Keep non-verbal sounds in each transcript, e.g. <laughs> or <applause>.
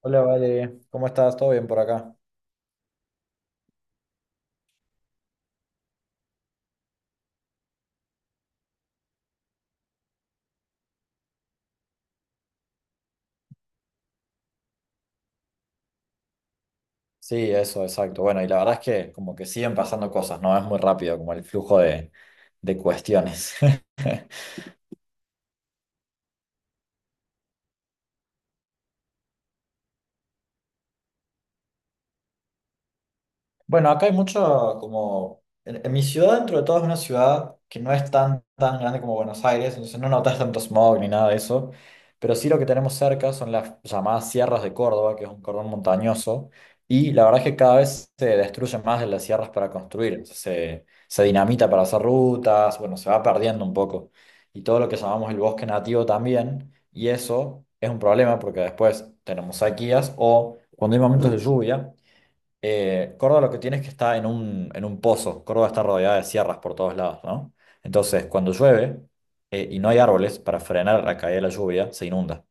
Hola, Vale, ¿cómo estás? ¿Todo bien por acá? Sí, eso, exacto. Bueno, y la verdad es que como que siguen pasando cosas, ¿no? Es muy rápido como el flujo de cuestiones. <laughs> Bueno, acá hay mucho como... En mi ciudad, dentro de todo, es una ciudad que no es tan grande como Buenos Aires, entonces no notas tanto smog ni nada de eso, pero sí lo que tenemos cerca son las llamadas Sierras de Córdoba, que es un cordón montañoso, y la verdad es que cada vez se destruyen más de las sierras para construir, entonces se dinamita para hacer rutas, bueno, se va perdiendo un poco, y todo lo que llamamos el bosque nativo también, y eso es un problema porque después tenemos sequías o cuando hay momentos de lluvia. Córdoba lo que tiene es que está en un pozo. Córdoba está rodeada de sierras por todos lados, ¿no? Entonces, cuando llueve y no hay árboles para frenar la caída de la lluvia, se inunda.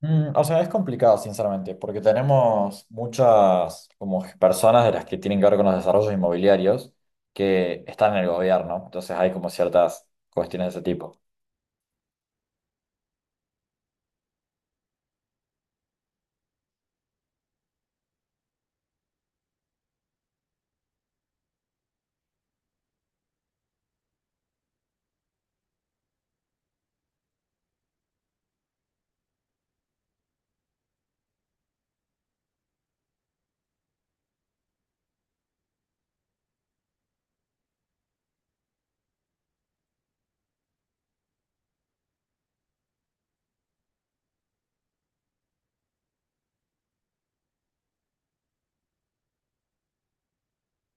Mm, o sea, es complicado, sinceramente, porque tenemos muchas como personas de las que tienen que ver con los desarrollos inmobiliarios que están en el gobierno. Entonces hay como ciertas cuestiones de ese tipo.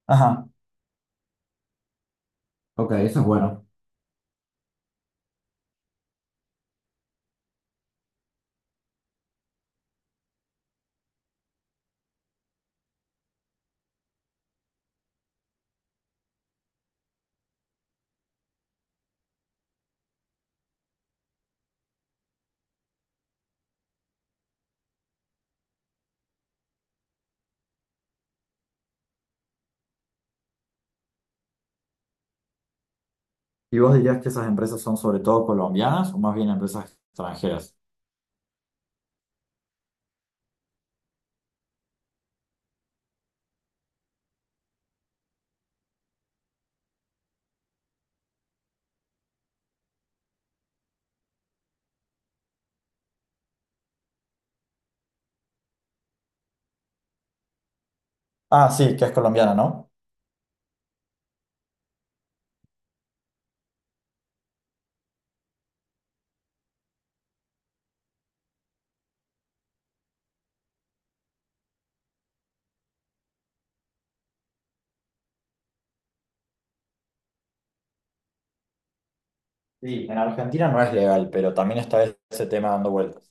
Ajá. Ok, eso es bueno. ¿Y vos dirías que esas empresas son sobre todo colombianas o más bien empresas extranjeras? Ah, sí, que es colombiana, ¿no? Sí, en Argentina no es legal, pero también está ese tema dando vueltas.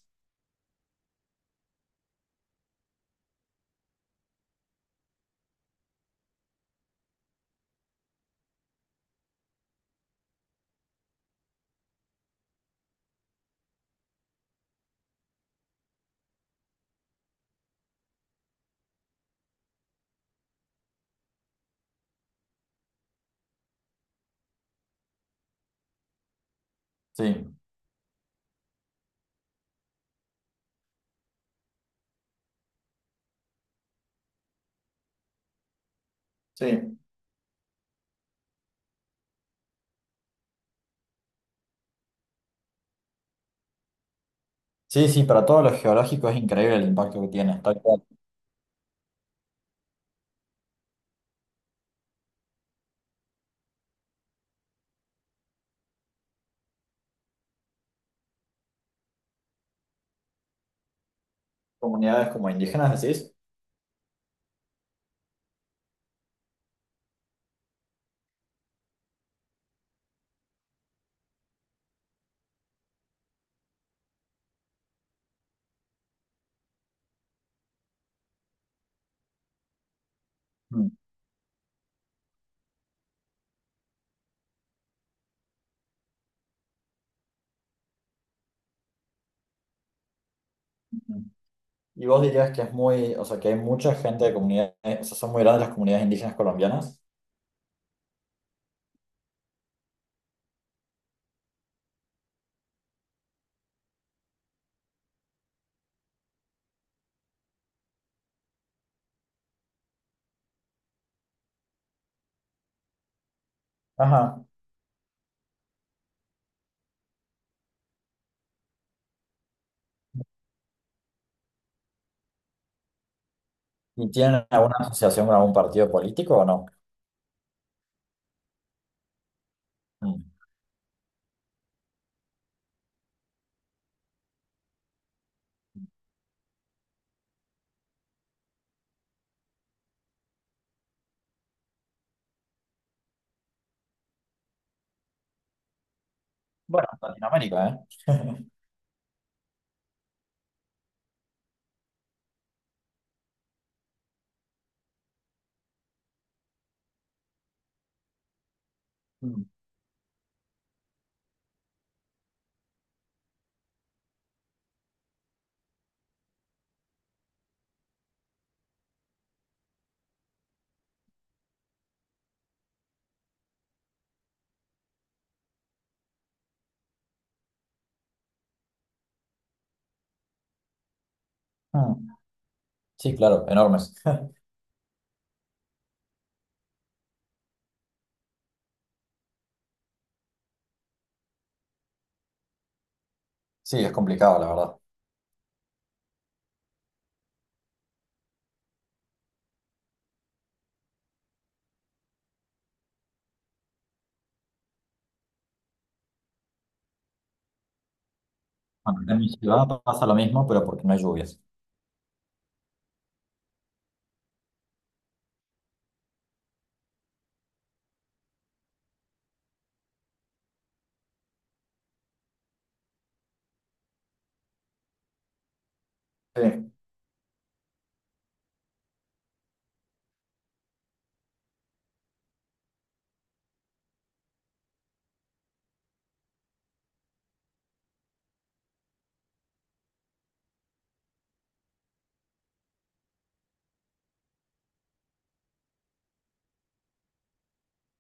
Sí. Sí, sí, sí, para todos los geológicos es increíble el impacto que tiene. Está en comunidades como indígenas, decís. Mm. Y vos dirías que es muy, o sea, que hay mucha gente de comunidades, o sea, son muy grandes las comunidades indígenas colombianas. Ajá. ¿Y tienen alguna asociación con algún partido político o no? Mm. Bueno, Latinoamérica, ¿eh? <laughs> Mm. Mm. Sí, claro, enormes. <laughs> Sí, es complicado, la verdad. Bueno, en mi ciudad pasa lo mismo, pero porque no hay lluvias. Sí.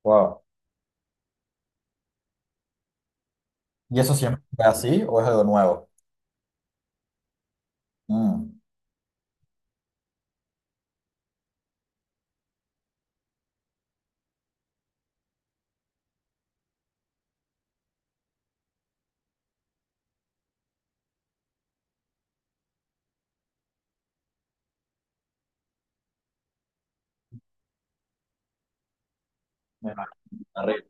Wow. ¿Y eso siempre fue así o es algo nuevo? Mm. Me imagino, terrible.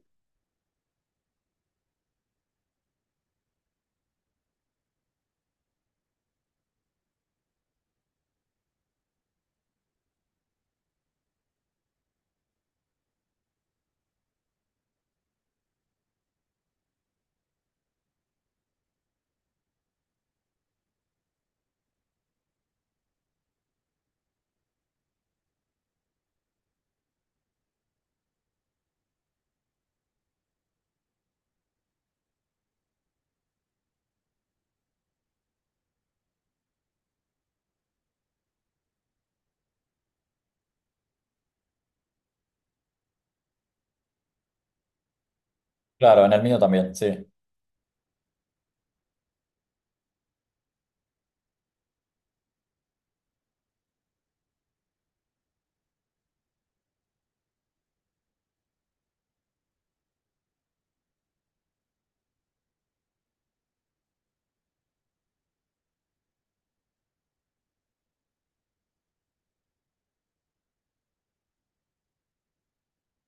Claro, en el mío también, sí.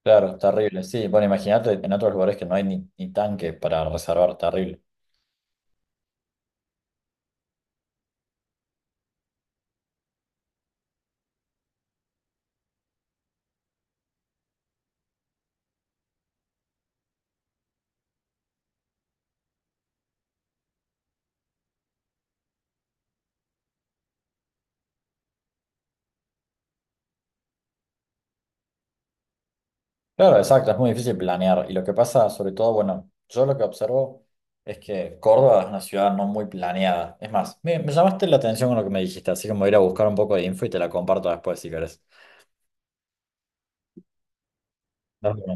Claro, terrible. Sí, bueno, imagínate en otros lugares que no hay ni tanque para reservar, terrible. Claro, exacto, es muy difícil planear. Y lo que pasa, sobre todo, bueno, yo lo que observo es que Córdoba es una ciudad no muy planeada. Es más, me llamaste la atención con lo que me dijiste, así que me voy a ir a buscar un poco de info y te la comparto después si querés. Dale.